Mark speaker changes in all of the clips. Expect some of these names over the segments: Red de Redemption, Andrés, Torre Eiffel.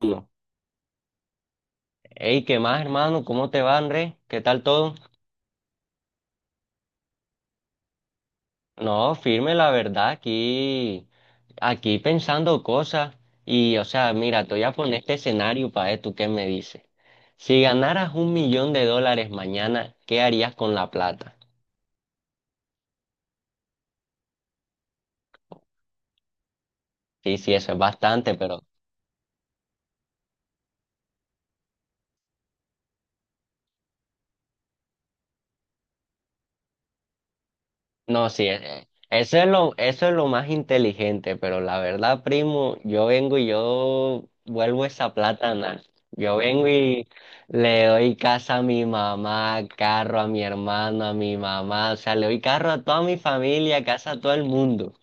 Speaker 1: Uno. Ey, ¿qué más, hermano? ¿Cómo te va, Andrés? ¿Qué tal todo? No, firme, la verdad, aquí, aquí pensando cosas. Y, o sea, mira, te voy a poner este escenario para ver tú qué me dices. Si ganaras $1.000.000 mañana, ¿qué harías con la plata? Sí, sí, eso es bastante, pero no, sí, eso es lo más inteligente, pero la verdad, primo, yo vengo y yo vuelvo esa plátana. Yo vengo y le doy casa a mi mamá, carro a mi hermano, a mi mamá, o sea, le doy carro a toda mi familia, casa a todo el mundo.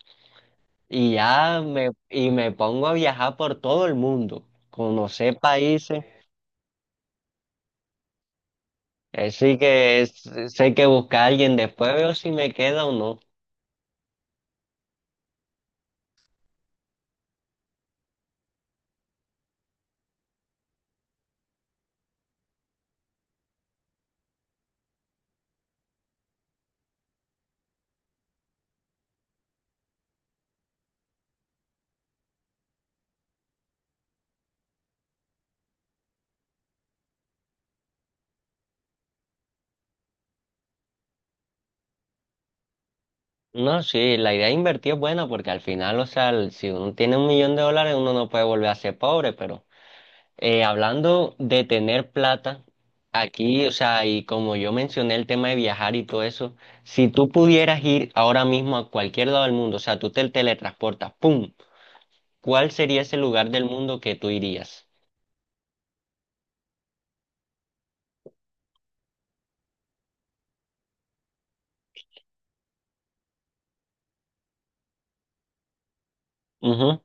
Speaker 1: Y ya me, y me pongo a viajar por todo el mundo, conocer países. Así que es- Sé que buscar a alguien, después veo si me queda o no. No, sí, la idea de invertir es buena porque al final, o sea, si uno tiene $1.000.000, uno no puede volver a ser pobre, pero hablando de tener plata, aquí, o sea, y como yo mencioné el tema de viajar y todo eso, si tú pudieras ir ahora mismo a cualquier lado del mundo, o sea, tú te teletransportas, ¡pum! ¿Cuál sería ese lugar del mundo que tú irías? Ujú,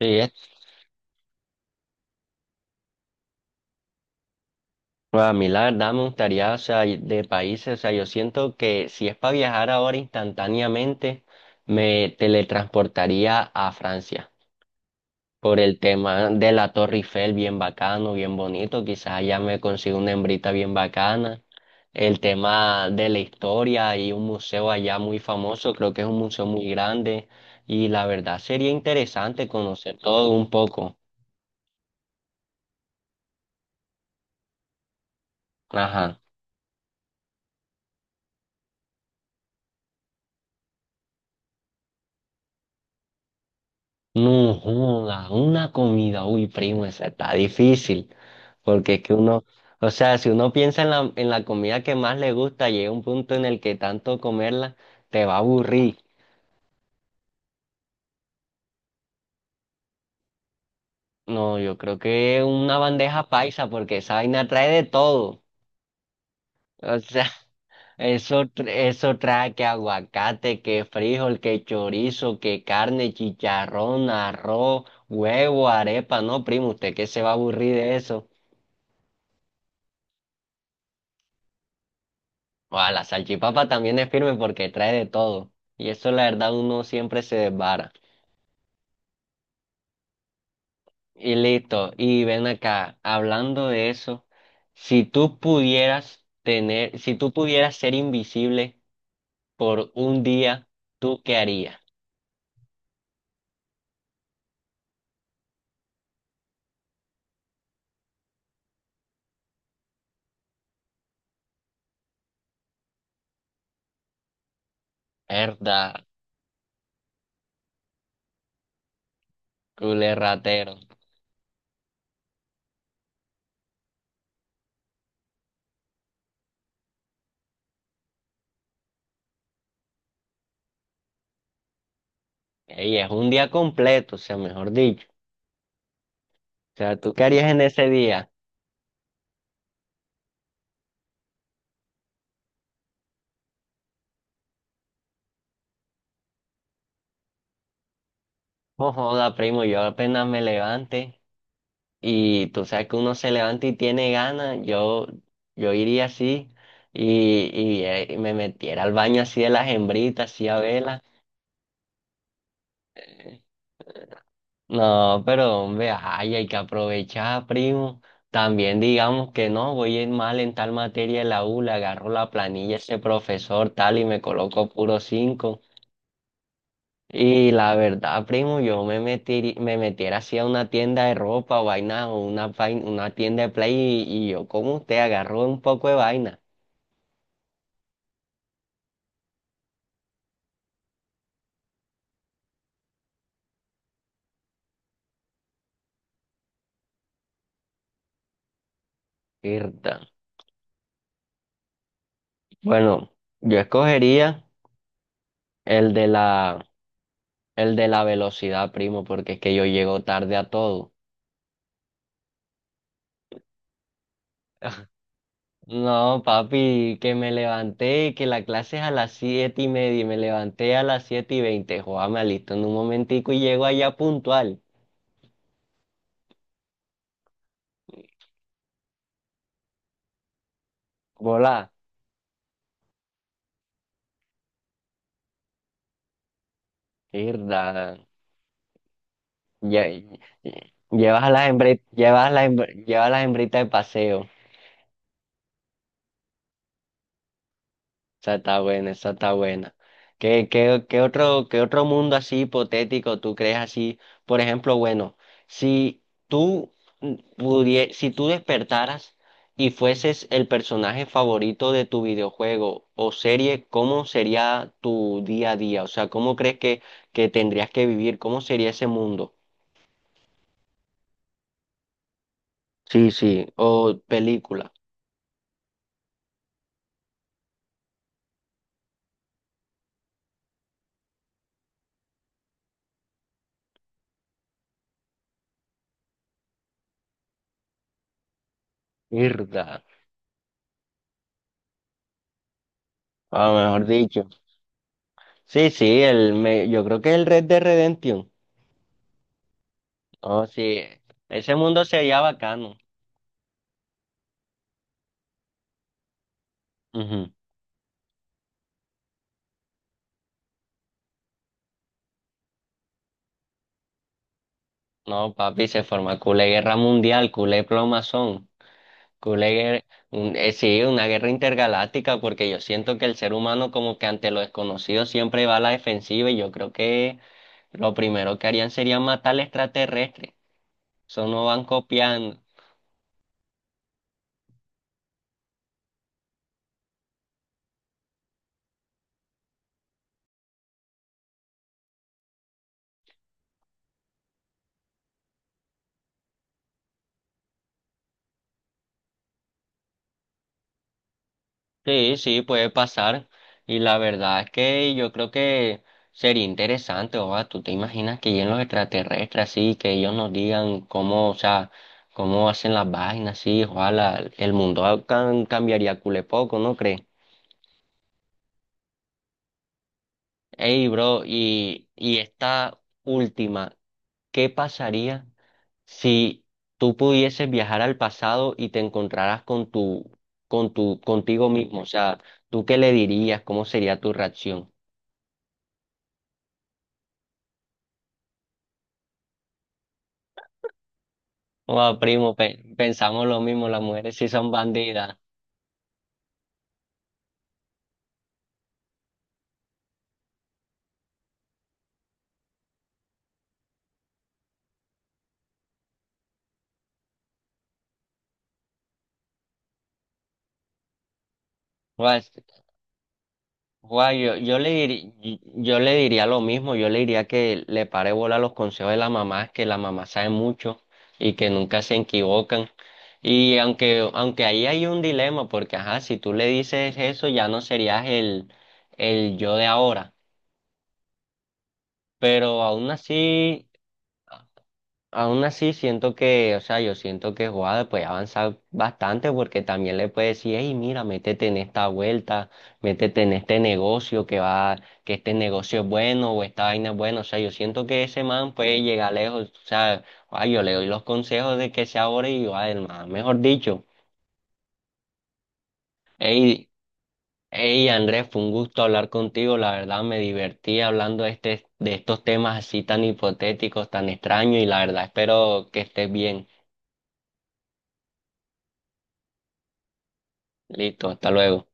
Speaker 1: sí, pues a mí la verdad me gustaría, o sea, de países, o sea, yo siento que si es para viajar ahora instantáneamente, me teletransportaría a Francia por el tema de la Torre Eiffel, bien bacano, bien bonito, quizás allá me consigo una hembrita bien bacana, el tema de la historia y un museo allá muy famoso, creo que es un museo muy grande y la verdad sería interesante conocer todo un poco. Ajá. No joda, una comida, uy, primo, esa está difícil. Porque es que uno, o sea, si uno piensa en la comida que más le gusta, llega un punto en el que tanto comerla te va a aburrir. No, yo creo que una bandeja paisa, porque esa vaina trae de todo. O sea, eso, eso trae que aguacate, que frijol, que chorizo, que carne, chicharrón, arroz, huevo, arepa. No, primo, ¿usted qué se va a aburrir de eso? Ah, la salchipapa también es firme porque trae de todo. Y eso, la verdad, uno siempre se desvara. Y listo. Y ven acá, hablando de eso, si tú pudieras tener, si tú pudieras ser invisible por un día, ¿tú qué harías? Verdad, culé ratero. Ey, es un día completo, o sea, mejor dicho. O sea, ¿tú qué harías en ese día? Oh, joda, primo, yo apenas me levante y tú sabes que uno se levanta y tiene ganas, yo iría así y, me metiera al baño así de las hembritas, así a vela. No, pero hombre, ay, hay que aprovechar, primo. También digamos que no, voy a ir mal en tal materia en la U, le agarro la planilla a ese profesor tal y me coloco puro 5. Y la verdad, primo, yo me metí, me metiera así a una tienda de ropa o vaina o una, una tienda de play y yo como usted agarro un poco de vaina. Irta. Bueno, yo escogería el de la, el de la velocidad, primo, porque es que yo llego tarde a todo. No, papi, que me levanté y que la clase es a las 7:30 y me levanté a las 7:20. Joder, me alisto en un momentico y llego allá puntual. Hola, mierda. Lle- Llevas a las hembritas, llevas a las llevas a las hembritas de paseo. Esa está buena, esa está buena. ¿Qué, qué, qué otro mundo así hipotético tú crees así? Por ejemplo, bueno, si tú si tú despertaras y fueses el personaje favorito de tu videojuego o serie, ¿cómo sería tu día a día? O sea, ¿cómo crees que tendrías que vivir? ¿Cómo sería ese mundo? Sí, sí, o película. Mierda. Ah, mejor dicho. Sí, sí, yo creo que el Red de Redemption. Oh, sí, ese mundo se halla bacano. Ujú. No, papi, se forma culé guerra mundial, culé plomazón, culé guer- sí, una guerra intergaláctica, porque yo siento que el ser humano como que ante lo desconocido siempre va a la defensiva y yo creo que lo primero que harían sería matar al extraterrestre. Eso no van copiando. Sí, sí, puede pasar. Y la verdad es que yo creo que sería interesante, o sea, tú te imaginas que lleguen los extraterrestres así, que ellos nos digan cómo, o sea, cómo hacen las vainas, sí, ojalá el mundo cambiaría cule poco, ¿no crees? Ey, bro, y esta última, ¿qué pasaría si tú pudieses viajar al pasado y te encontraras con tu, contigo mismo? O sea, ¿tú qué le dirías? ¿Cómo sería tu reacción? Wow, primo, pensamos lo mismo, las mujeres sí son bandidas. Guau, guau, yo, yo le diría lo mismo, yo le diría que le pare bola a los consejos de la mamá, que la mamá sabe mucho y que nunca se equivocan. Y aunque, aunque ahí hay un dilema, porque ajá, si tú le dices eso, ya no serías el yo de ahora. Pero aún así. Aún así, siento que, o sea, yo siento que Juada puede avanzar bastante porque también le puede decir, hey, mira, métete en esta vuelta, métete en este negocio que va, que este negocio es bueno o esta vaina es buena. O sea, yo siento que ese man puede llegar lejos. O sea, Juada, yo le doy los consejos de que se ahora y va, man, mejor dicho, hey, Andrés, fue un gusto hablar contigo. La verdad, me divertí hablando de este, de estos temas así tan hipotéticos, tan extraños y la verdad, espero que estés bien. Listo, hasta luego.